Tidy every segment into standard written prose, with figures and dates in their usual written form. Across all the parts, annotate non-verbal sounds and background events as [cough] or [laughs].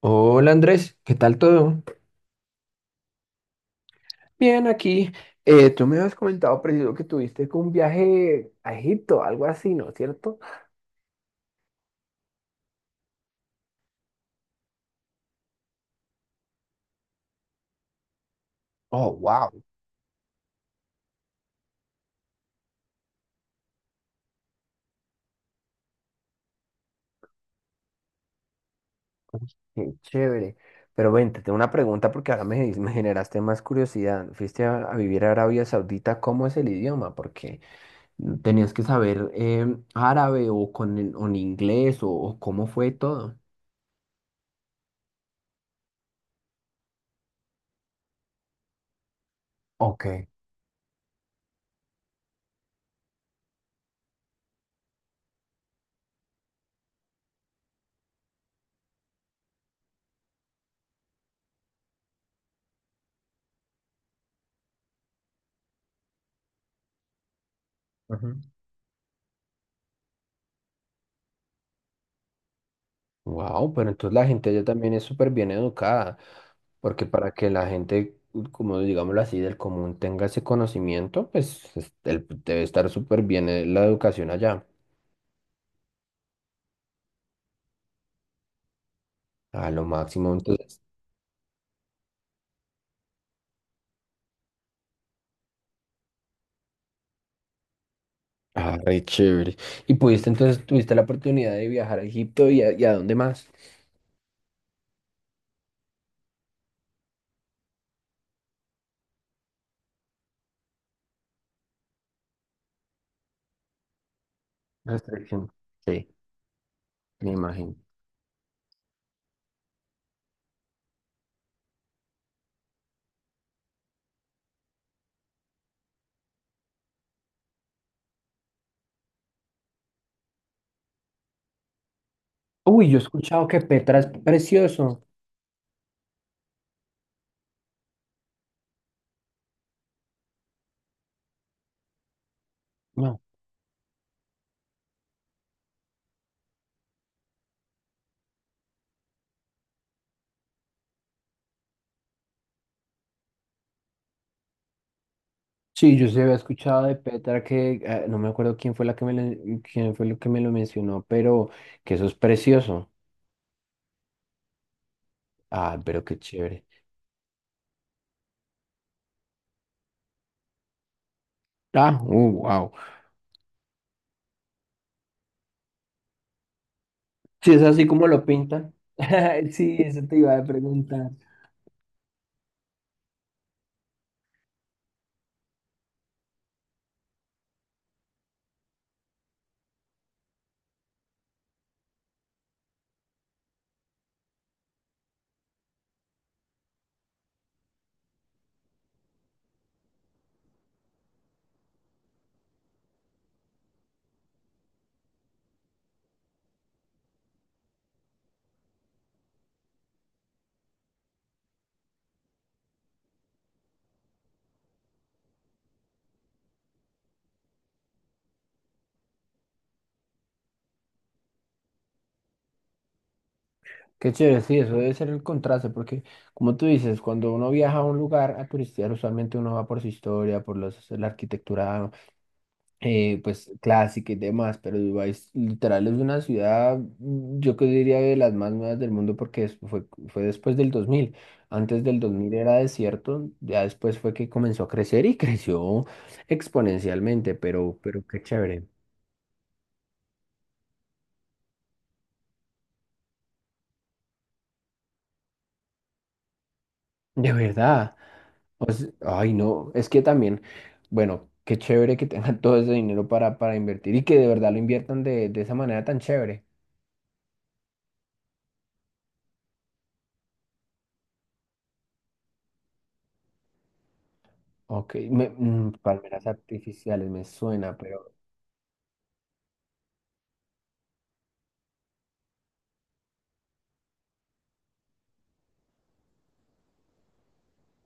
Hola Andrés, ¿qué tal todo? Bien, aquí. Tú me habías comentado, preciso, que tuviste como un viaje a Egipto, algo así, ¿no es cierto? Oh, wow, qué chévere. Pero ven, te tengo una pregunta porque ahora me generaste más curiosidad. Fuiste a vivir a Arabia Saudita, ¿cómo es el idioma? Porque tenías que saber árabe o con o en inglés o cómo fue todo. Ok. Wow, pero entonces la gente allá también es súper bien educada, porque para que la gente, como digámoslo así, del común tenga ese conocimiento, pues debe estar súper bien la educación allá, a lo máximo. Entonces, ah, re chévere. Y pudiste, entonces, tuviste la oportunidad de viajar a Egipto y y a dónde más. Restricción. Sí, me imagino. Uy, yo he escuchado que Petra es precioso. Sí, yo sí había escuchado de Petra que no me acuerdo quién fue lo que me lo mencionó, pero que eso es precioso. Ah, pero qué chévere. Ah, wow. Sí, es así como lo pintan. [laughs] Sí, eso te iba a preguntar. Qué chévere, sí, eso debe ser el contraste, porque como tú dices, cuando uno viaja a un lugar a turistear, usualmente uno va por su historia, por la arquitectura pues clásica y demás, pero Dubái, literal es una ciudad, mm, yo que diría de las más nuevas del mundo porque fue, fue después del dos mil, antes del dos mil era desierto, ya después fue que comenzó a crecer y [laughs] creció exponencialmente, pero qué chévere, de verdad. O sea, ay, no, es que también, bueno, qué chévere que tengan [laughs] todo ese dinero para invertir y que de verdad lo inviertan de esa manera tan chévere. Ok, mm, palmeras artificiales me suena.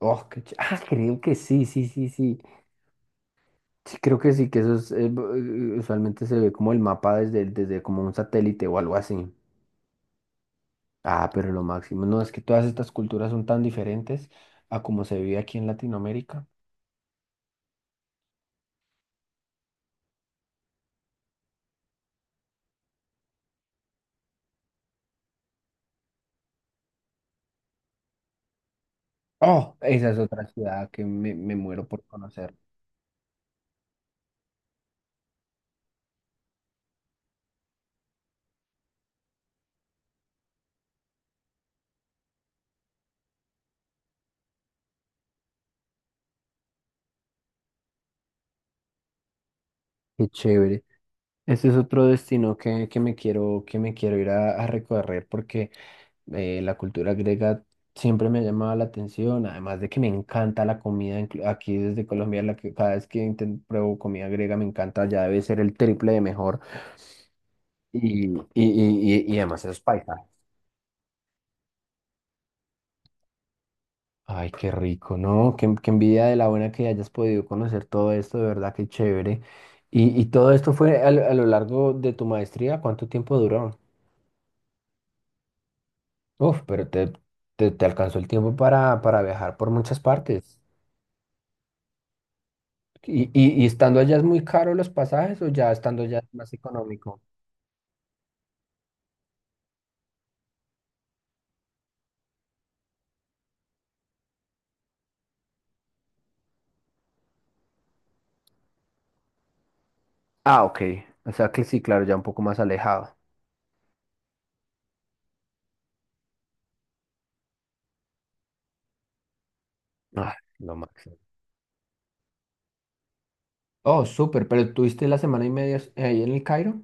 Oh, ah, creo que sí, sí, sí, sí. Sí, creo que sí, que eso es, usualmente se ve como el mapa desde, desde como un satélite o algo así. Ah, pero lo máximo. No, es que todas estas culturas son tan diferentes a como se vive aquí en Latinoamérica. Oh, esa es otra ciudad que me muero por conocer. Qué chévere. Ese es otro destino que, que me quiero ir a recorrer porque la cultura griega siempre me ha llamado la atención, además de que me encanta la comida, aquí desde Colombia, la que, cada vez que pruebo comida griega me encanta, ya debe ser el triple de mejor, y además esos paisajes. Ay, qué rico, ¿no? Qué, qué envidia de la buena que hayas podido conocer todo esto, de verdad, qué chévere. Y todo esto fue a lo largo de tu maestría, ¿cuánto tiempo duró? Uf, pero te alcanzó el tiempo para viajar por muchas partes. ¿Y, y estando allá es muy caro los pasajes o ya estando allá es más económico? Ah, ok. O sea que sí, claro, ya un poco más alejado. Ah, lo máximo. Oh, súper, pero ¿tuviste la semana y media ahí en el Cairo?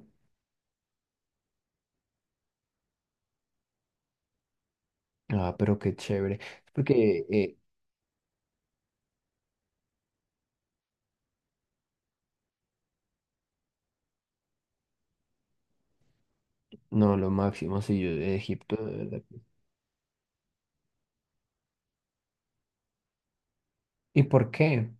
Ah, pero qué chévere. Es porque, no, lo máximo, sí, yo de Egipto, de verdad. ¿Y por qué?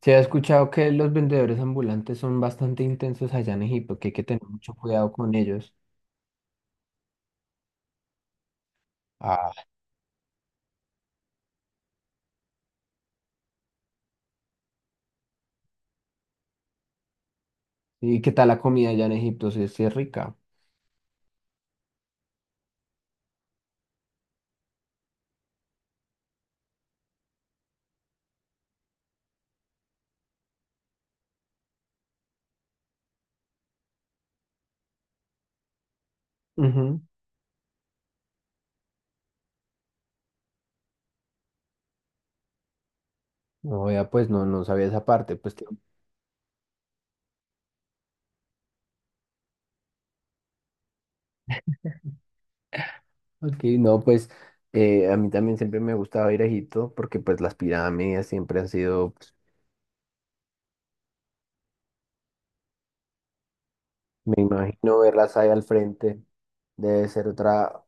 Se ha escuchado que los vendedores ambulantes son bastante intensos allá en Egipto, que hay que tener mucho cuidado con ellos. Ah, ¿y qué tal la comida allá en Egipto? Sí, sí es rica. No, ya pues no, no sabía esa parte, pues que, ok, no, pues a mí también siempre me gustaba ir a Egipto porque pues las pirámides siempre han sido, pues, me imagino verlas ahí al frente, debe ser otra,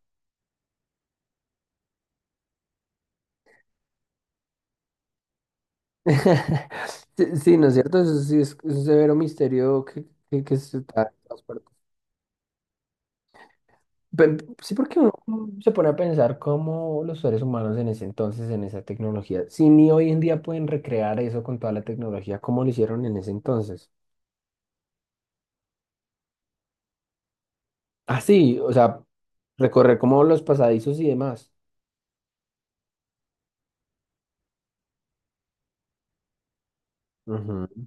[laughs] sí, sí, ¿no es cierto? Eso sí es un severo misterio que se está en todas partes. Pe- sí, porque uno se pone a pensar cómo los seres humanos en ese entonces, en esa tecnología, si ni hoy en día pueden recrear eso con toda la tecnología, ¿cómo lo hicieron en ese entonces? Ah, sí, o sea, recorrer como los pasadizos y demás. Ujú.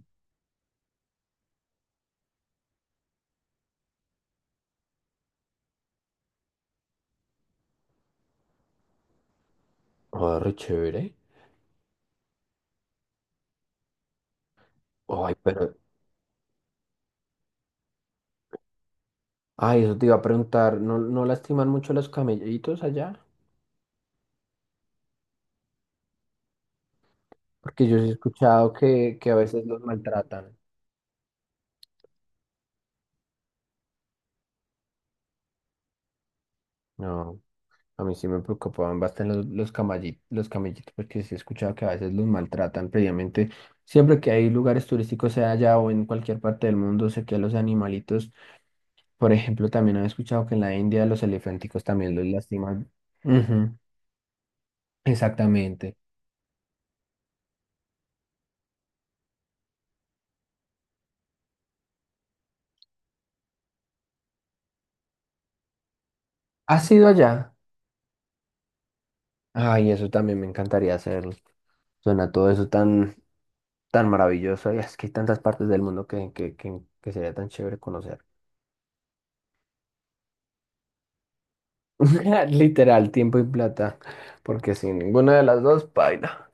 Ah, re chévere. Ay, pero, ay, eso te iba a preguntar, ¿no, no lastiman mucho los camellitos allá? Porque yo sí he escuchado que a veces los maltratan. No. A mí sí me preocupaban bastante los camellitos, porque sí he escuchado que a veces los maltratan previamente. Siempre que hay lugares turísticos, sea allá o en cualquier parte del mundo, sé que a los animalitos, por ejemplo, también he escuchado que en la India los elefánticos también los lastiman. Ujú, exactamente. ¿Has ido allá? Ay, eso también me encantaría hacerlo. Suena todo eso tan, tan maravilloso y es que hay tantas partes del mundo que sería tan chévere conocer. [laughs] Literal, tiempo y plata, porque sin ninguna de las dos, paila.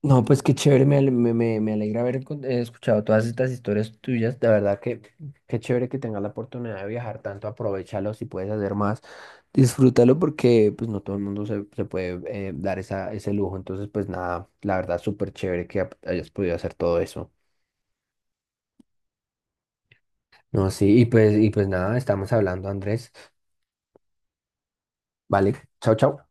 No, pues qué chévere, me alegra haber escuchado todas estas historias tuyas. De verdad que qué chévere que tengas la oportunidad de viajar tanto, aprovechalo si puedes hacer más, disfrútalo porque pues no todo el mundo se puede dar esa, ese lujo. Entonces, pues nada, la verdad súper chévere que hayas podido hacer todo eso. No, sí, y pues nada, estamos hablando, Andrés. Vale, chao, chao.